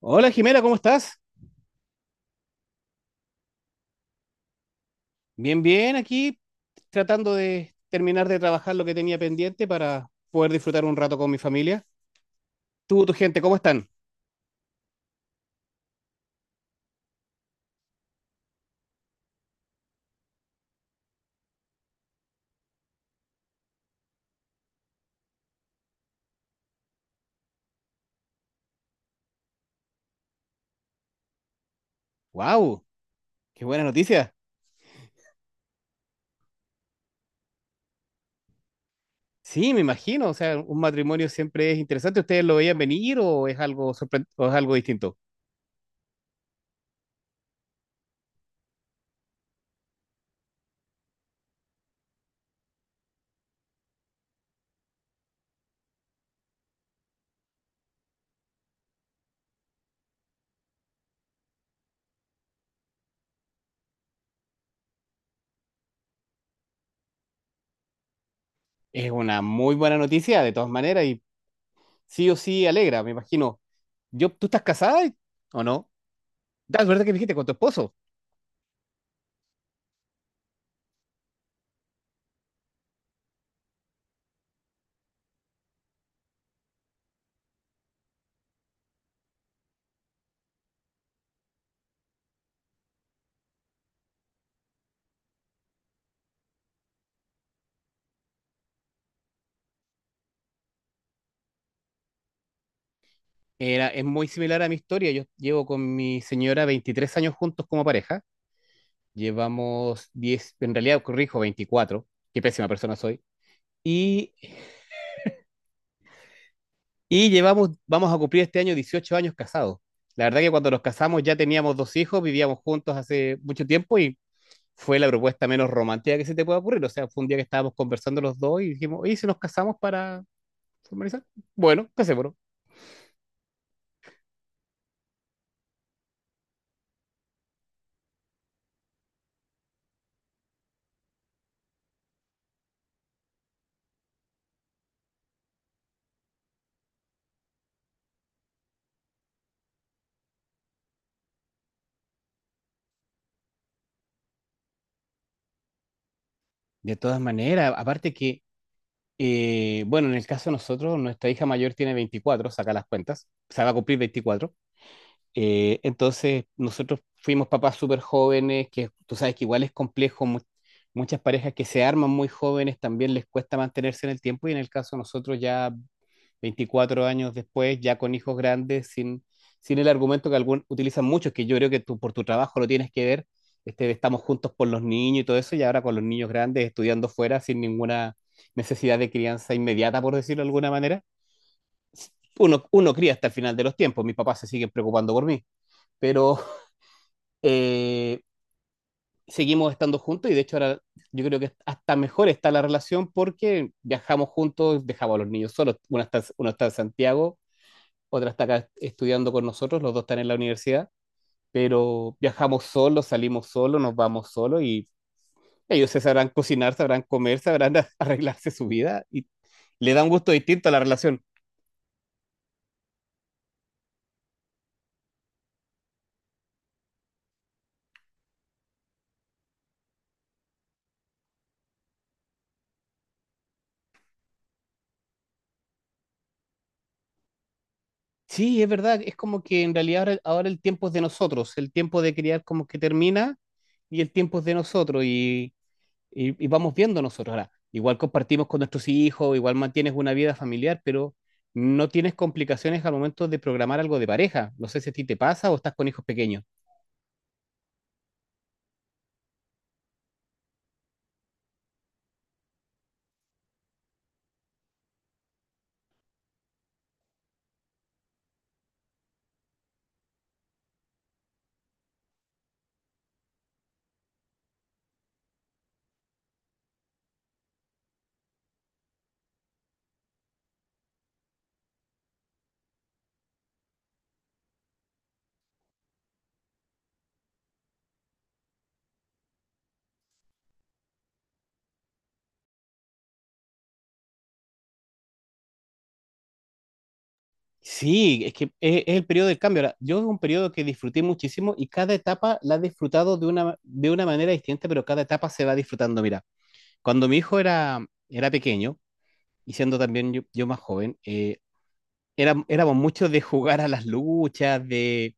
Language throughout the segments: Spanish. Hola Jimena, ¿cómo estás? Bien, bien, aquí tratando de terminar de trabajar lo que tenía pendiente para poder disfrutar un rato con mi familia. Tú, tu gente, ¿cómo están? ¡Wow! ¡Qué buena noticia! Sí, me imagino, o sea, un matrimonio siempre es interesante. ¿Ustedes lo veían venir o es algo o es algo distinto? Es una muy buena noticia, de todas maneras, y sí o sí alegra, me imagino. Yo, ¿tú estás casada o no? Es verdad que me dijiste con tu esposo. Es muy similar a mi historia. Yo llevo con mi señora 23 años juntos como pareja. Llevamos diez, en realidad corrijo, 24. Qué pésima persona soy, y, y llevamos, vamos a cumplir este año 18 años casados. La verdad que cuando nos casamos ya teníamos dos hijos, vivíamos juntos hace mucho tiempo y fue la propuesta menos romántica que se te puede ocurrir. O sea, fue un día que estábamos conversando los dos y dijimos, ¿y si nos casamos para formalizar? Bueno, casémonos. De todas maneras, aparte que, bueno, en el caso de nosotros, nuestra hija mayor tiene 24, saca las cuentas, se va a cumplir 24. Entonces, nosotros fuimos papás súper jóvenes, que tú sabes que igual es complejo, muchas parejas que se arman muy jóvenes también les cuesta mantenerse en el tiempo y en el caso de nosotros ya 24 años después, ya con hijos grandes, sin el argumento que algún, utilizan muchos, que yo creo que tú por tu trabajo lo tienes que ver, este, de estamos juntos por los niños y todo eso, y ahora con los niños grandes estudiando fuera sin ninguna necesidad de crianza inmediata, por decirlo de alguna manera. Uno cría hasta el final de los tiempos, mis papás se siguen preocupando por mí, pero, eh, seguimos estando juntos y de hecho ahora yo creo que hasta mejor está la relación porque viajamos juntos, dejamos a los niños solos. Uno está en Santiago, otra está acá estudiando con nosotros, los dos están en la universidad, pero viajamos solos, salimos solos, nos vamos solos y ellos se sabrán cocinar, sabrán comer, sabrán arreglarse su vida y le da un gusto distinto a la relación. Sí, es verdad, es como que en realidad ahora el tiempo es de nosotros, el tiempo de criar como que termina y el tiempo es de nosotros y y vamos viendo nosotros. Ahora, igual compartimos con nuestros hijos, igual mantienes una vida familiar, pero no tienes complicaciones al momento de programar algo de pareja. No sé si a ti te pasa o estás con hijos pequeños. Sí, es que es el periodo del cambio. Ahora, yo es un periodo que disfruté muchísimo y cada etapa la he disfrutado de de una manera distinta, pero cada etapa se va disfrutando. Mira, cuando mi hijo era pequeño, y siendo también yo más joven, éramos muchos de jugar a las luchas, de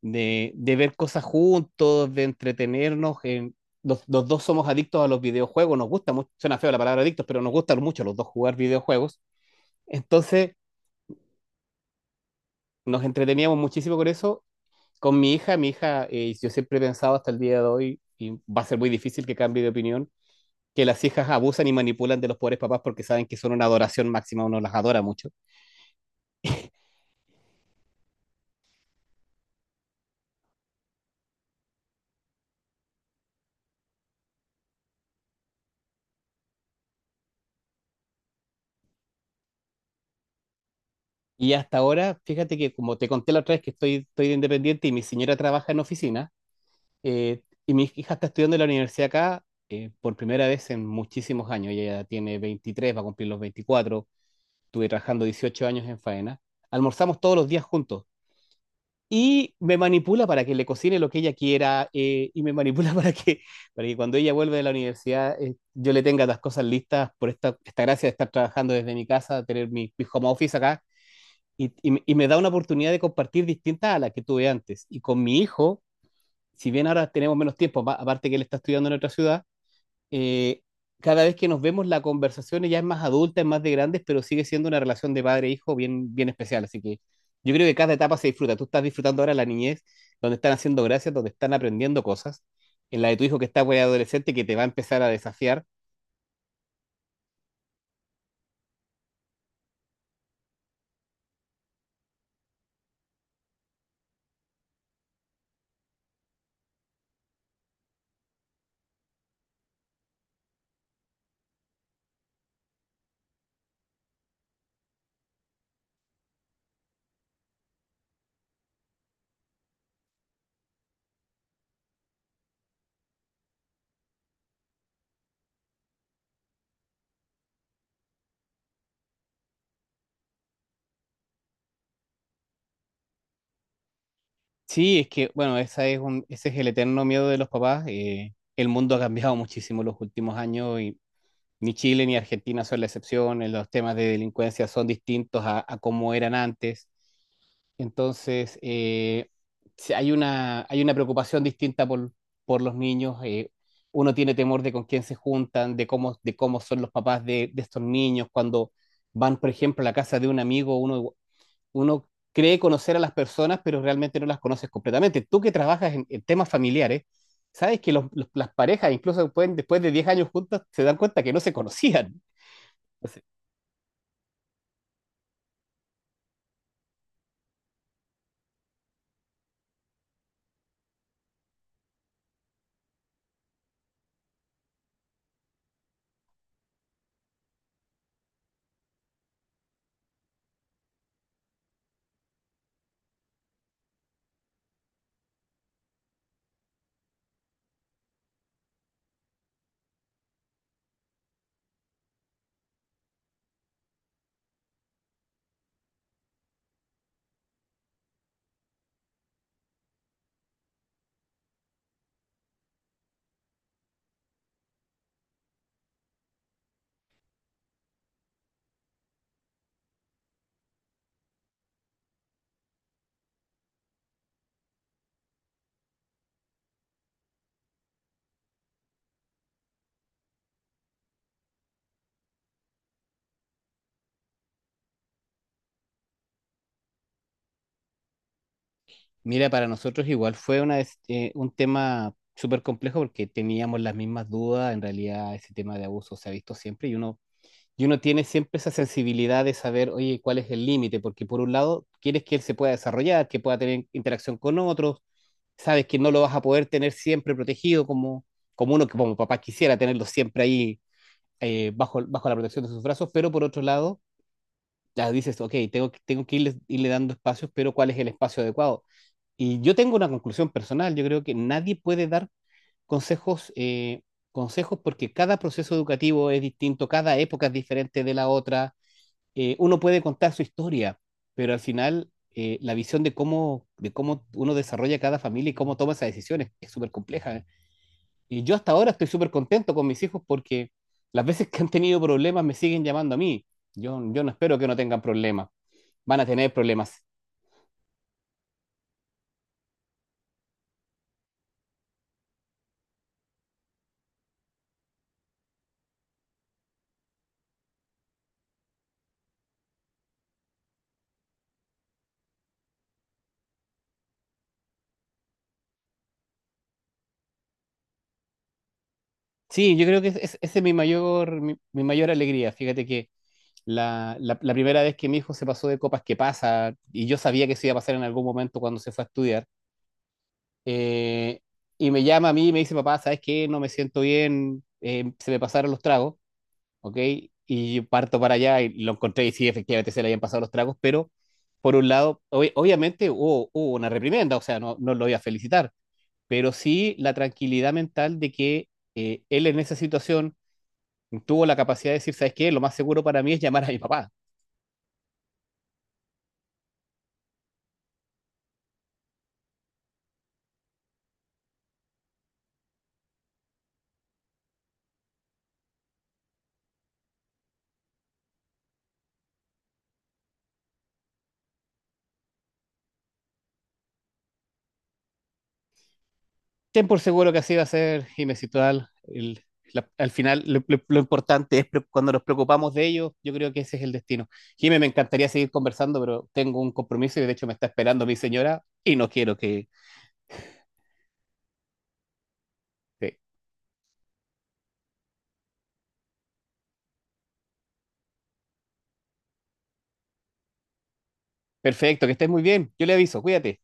de ver cosas juntos, de entretenernos. En, los dos somos adictos a los videojuegos, nos gusta mucho, suena feo la palabra adictos, pero nos gusta mucho los dos jugar videojuegos. Entonces nos entreteníamos muchísimo con eso. Con mi hija, yo siempre he pensado hasta el día de hoy, y va a ser muy difícil que cambie de opinión, que las hijas abusan y manipulan de los pobres papás porque saben que son una adoración máxima, uno las adora mucho. Y hasta ahora, fíjate que como te conté la otra vez que estoy de independiente y mi señora trabaja en oficina. Eh, y mi hija está estudiando en la universidad acá por primera vez en muchísimos años. Ella tiene 23, va a cumplir los 24. Estuve trabajando 18 años en faena. Almorzamos todos los días juntos. Y me manipula para que le cocine lo que ella quiera, y me manipula para que cuando ella vuelve de la universidad, yo le tenga las cosas listas por esta gracia de estar trabajando desde mi casa, tener mi home office acá y, y me da una oportunidad de compartir distinta a la que tuve antes. Y con mi hijo, si bien ahora tenemos menos tiempo, aparte que él está estudiando en otra ciudad, eh, cada vez que nos vemos la conversación ya es más adulta, es más de grandes, pero sigue siendo una relación de padre-hijo bien especial. Así que yo creo que cada etapa se disfruta. Tú estás disfrutando ahora la niñez, donde están haciendo gracias, donde están aprendiendo cosas. En la de tu hijo que está güey, adolescente, que te va a empezar a desafiar. Sí, es que, bueno, esa ese es el eterno miedo de los papás. Eh, el mundo ha cambiado muchísimo los últimos años y ni Chile ni Argentina son la excepción. Eh, los temas de delincuencia son distintos a como eran antes. Entonces, sí, hay una preocupación distinta por los niños. Eh, uno tiene temor de con quién se juntan, de de cómo son los papás de estos niños. Cuando van, por ejemplo, a la casa de un amigo, uno cree conocer a las personas, pero realmente no las conoces completamente. Tú que trabajas en temas familiares, sabes que las parejas, incluso pueden, después de 10 años juntas, se dan cuenta que no se conocían. Entonces, mira, para nosotros igual fue una, un tema súper complejo porque teníamos las mismas dudas. En realidad, ese tema de abuso se ha visto siempre y y uno tiene siempre esa sensibilidad de saber, oye, cuál es el límite, porque por un lado, quieres que él se pueda desarrollar, que pueda tener interacción con otros, sabes que no lo vas a poder tener siempre protegido como uno que como papá quisiera tenerlo siempre ahí, bajo la protección de sus brazos, pero por otro lado, ya dices, ok, tengo que irle dando espacios, pero ¿cuál es el espacio adecuado? Y yo tengo una conclusión personal, yo creo que nadie puede dar consejos, eh, consejos porque cada proceso educativo es distinto, cada época es diferente de la otra. Eh, uno puede contar su historia, pero al final, la visión de de cómo uno desarrolla cada familia y cómo toma esas decisiones es súper compleja. Y yo hasta ahora estoy súper contento con mis hijos porque las veces que han tenido problemas me siguen llamando a mí. Yo no espero que no tengan problemas, van a tener problemas. Sí, yo creo que esa es mi mayor, mi mayor alegría. Fíjate que la primera vez que mi hijo se pasó de copas que pasa, y yo sabía que eso iba a pasar en algún momento cuando se fue a estudiar, eh, y me llama a mí y me dice, papá, ¿sabes qué? No me siento bien, se me pasaron los tragos, ¿ok? Y yo parto para allá y lo encontré y sí, efectivamente se le habían pasado los tragos, pero por un lado, obviamente hubo una reprimenda, o sea, no, no lo voy a felicitar, pero sí la tranquilidad mental de que él en esa situación tuvo la capacidad de decir, ¿sabes qué? Lo más seguro para mí es llamar a mi papá. Ten por seguro que así va a ser y me citó al final lo importante es cuando nos preocupamos de ellos, yo creo que ese es el destino. Jimé, me encantaría seguir conversando, pero tengo un compromiso y de hecho me está esperando mi señora y no quiero que... que- Perfecto, que estés muy bien. Yo le aviso, cuídate.